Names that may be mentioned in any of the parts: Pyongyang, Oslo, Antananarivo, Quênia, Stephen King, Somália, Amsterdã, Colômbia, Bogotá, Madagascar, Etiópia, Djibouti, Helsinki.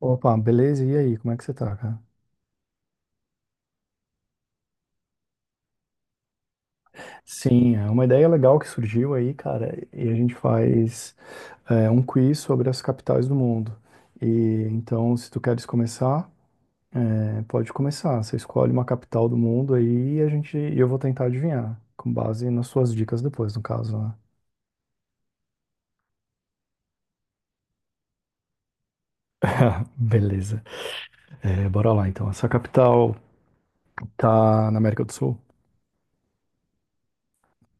Opa, beleza? E aí, como é que você tá, cara? Sim, é uma ideia legal que surgiu aí, cara, e a gente faz um quiz sobre as capitais do mundo. E então, se tu queres começar, pode começar. Você escolhe uma capital do mundo aí e a gente, e eu vou tentar adivinhar, com base nas suas dicas depois, no caso, né? Beleza. É, bora lá, então. Essa capital tá na América do Sul?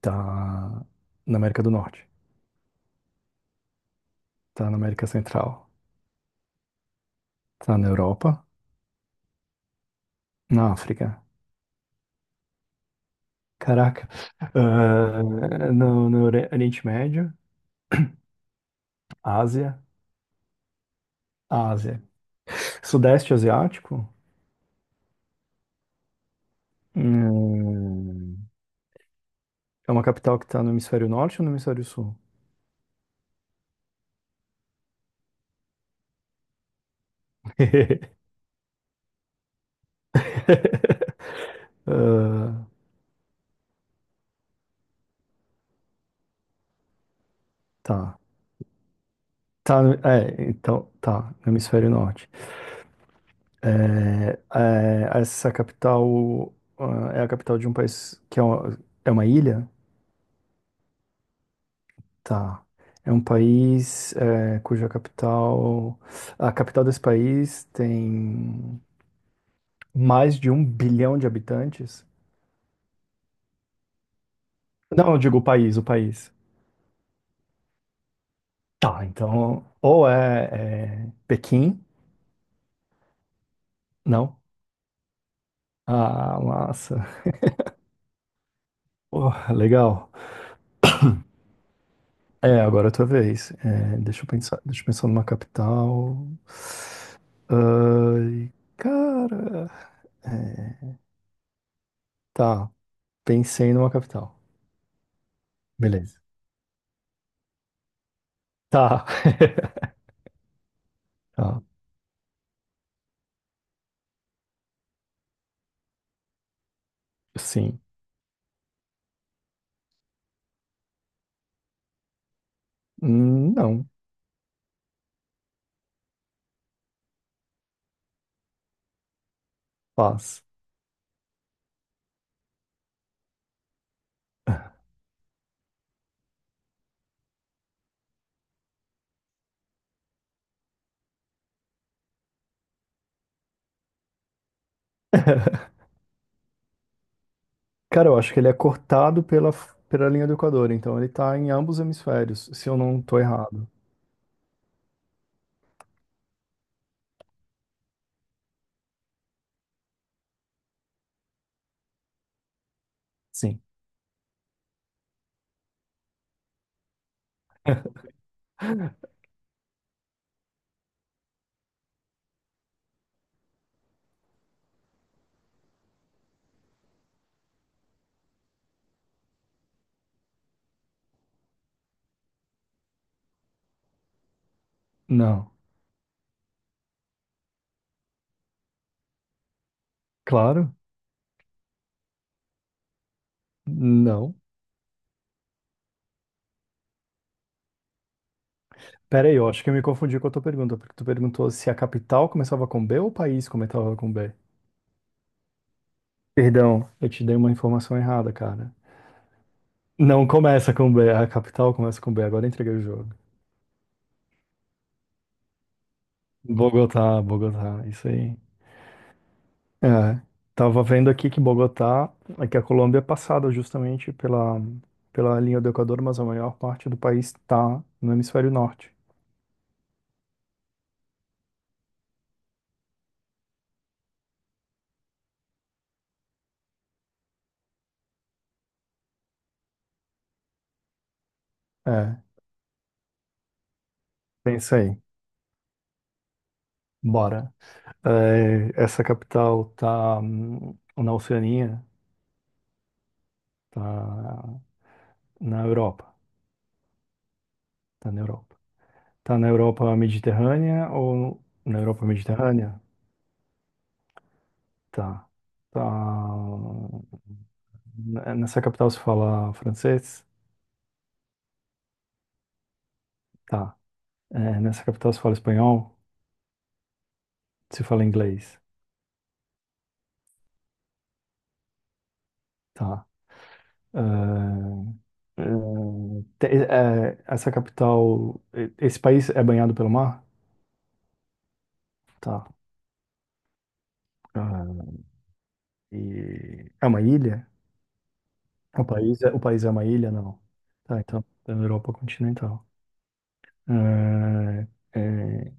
Tá na América do Norte? Tá na América Central? Tá na Europa? Na África? Caraca. Ah, no, no Ori- Oriente Médio, Ásia, Ásia. Sudeste Asiático, hum, é uma capital que está no hemisfério norte ou no hemisfério sul? Tá. Tá, então, tá, no hemisfério norte. Essa capital, é a capital de um país que é é uma ilha? Tá. É um país, cuja capital, a capital desse país tem mais de um bilhão de habitantes? Não, eu digo o país, o país. Tá, então, ou é Pequim? Não. Ah, massa. Pô, legal. É, agora é a tua vez. É, deixa eu pensar numa capital. Ai, cara. É, Tá, pensei numa capital. Beleza. Tá. Tá, sim. Não, paz. Cara, eu acho que ele é cortado pela linha do Equador, então ele tá em ambos hemisférios, se eu não tô errado. Sim. Não. Claro? Não. Pera aí, eu acho que eu me confundi com a tua pergunta, porque tu perguntou se a capital começava com B ou o país começava com B. Perdão, eu te dei uma informação errada, cara. Não começa com B, a capital começa com B, agora entreguei o jogo. Bogotá, Bogotá, isso aí. É, tava vendo aqui que Bogotá, é que a Colômbia é passada justamente pela linha do Equador, mas a maior parte do país está no hemisfério norte. É, pensa aí. Bora. É, essa capital tá na Oceania, tá na Europa, tá na Europa. Tá na Europa Mediterrânea ou na Europa Mediterrânea? Tá. Tá. Nessa capital se fala francês? Tá. Nessa capital se fala espanhol? Você fala inglês. Tá. Ah, essa capital. Esse país é banhado pelo mar? Tá. Ah, e é uma ilha? O país é uma ilha? Não. Tá, então é na Europa continental. Ah, eh,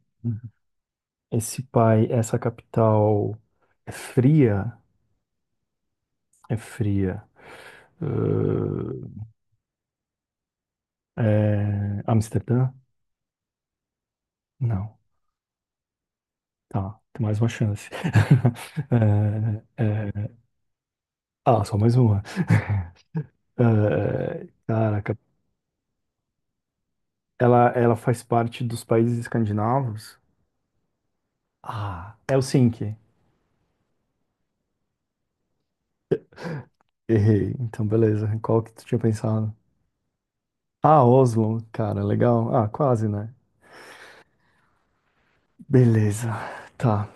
essa capital é fria? É fria. Ah, é Amsterdã? Não. Tá, tem mais uma chance. É, só mais uma. Caraca, ela faz parte dos países escandinavos? Ah, Helsinki. Errei. Então, beleza. Qual que tu tinha pensado? Ah, Oslo. Cara, legal. Ah, quase, né? Beleza. Tá.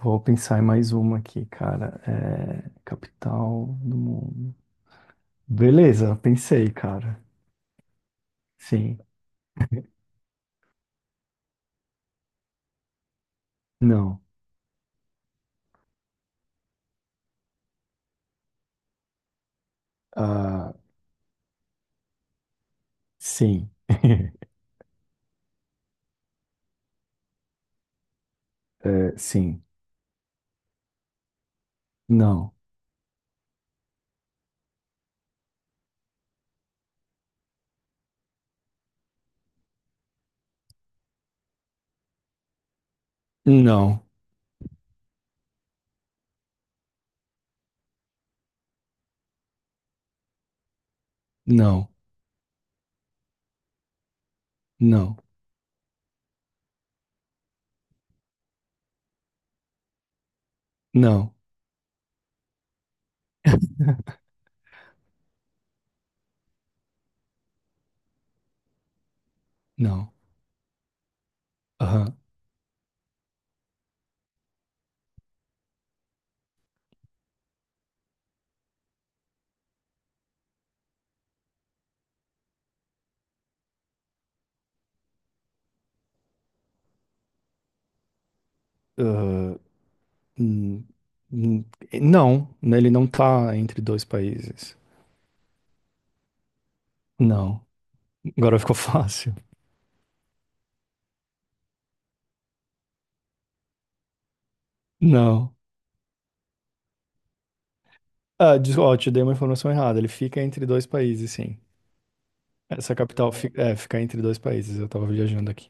Vou pensar em mais uma aqui, cara. É... Capital do mundo. Beleza, pensei, cara. Sim. Não. Ah, sim. É, sim. Não. Não. Não. Não. Não. Não. Aham. Ah, hum, hum, não, né, ele não tá entre dois países. Não. Agora ficou fácil. Não. Ó, te dei uma informação errada. Ele fica entre dois países, sim. Essa capital fica entre dois países. Eu tava viajando aqui.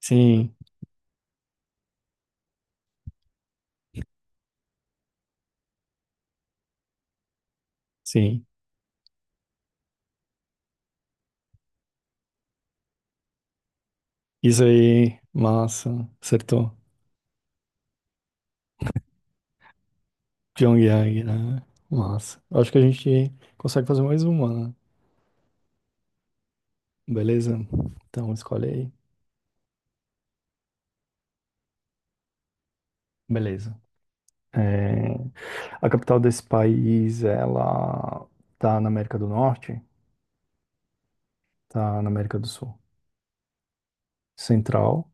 Sim, sim. Isso aí, massa. Acertou. Pyongyang, né? Massa. Acho que a gente consegue fazer mais uma, né? Beleza? Então escolhe aí. Beleza. É, A capital desse país, ela tá na América do Norte, tá na América do Sul, Central,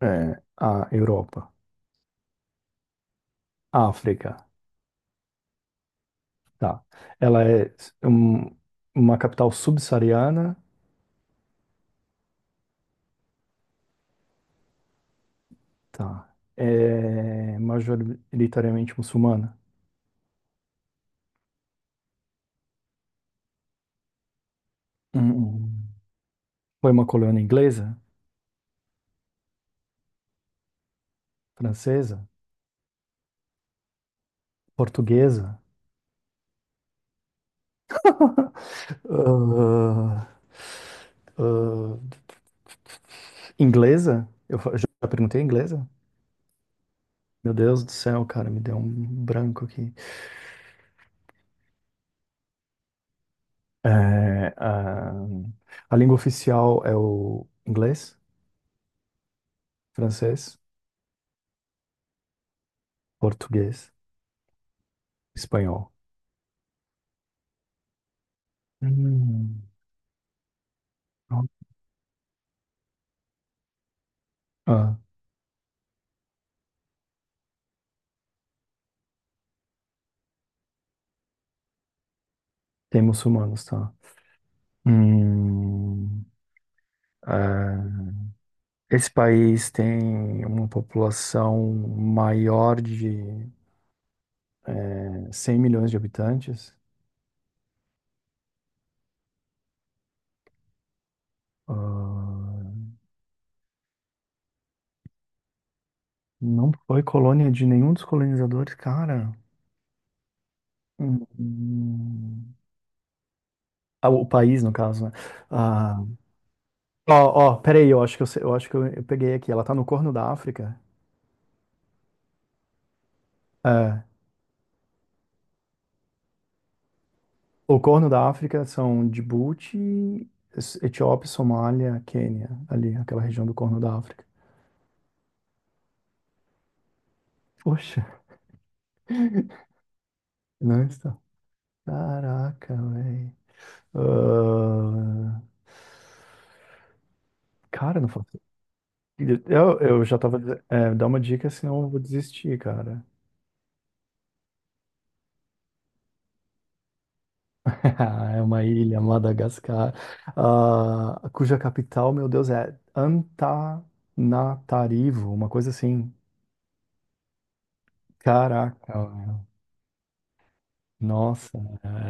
é, a Europa, África, tá. Ela é um- uma capital subsaariana, tá. É majoritariamente muçulmana. Hum. Foi uma colônia inglesa, francesa, portuguesa, ah, ah, inglesa. Eu já perguntei inglesa? Meu Deus do céu, cara, me deu um branco aqui. É, a língua oficial é o inglês, francês, português, espanhol. Hum. Ah, tem muçulmanos, tá? Hum, ah, esse país tem uma população maior de 100 milhões de habitantes. Ah, não foi colônia de nenhum dos colonizadores, cara. Hum, o país, no caso, né? Ah, peraí, eu acho que eu peguei aqui. Ela tá no Corno da África. É, o Corno da África são Djibouti, Etiópia, Somália, Quênia, ali, aquela região do Corno da África. Poxa, não está. Caraca, velho. Ah, cara, não faço. Eu já tava. Dizendo- É, dá uma dica, senão eu vou desistir, cara. É uma ilha, Madagascar, ah, cuja capital, meu Deus, é Antananarivo, uma coisa assim. Caraca, meu. Nossa,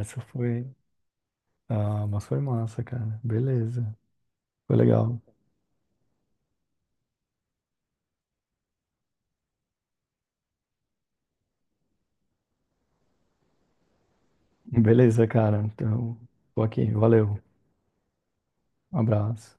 essa foi. Ah, mas foi massa, cara. Beleza, foi legal. Beleza, cara. Então, tô aqui. Valeu, um abraço.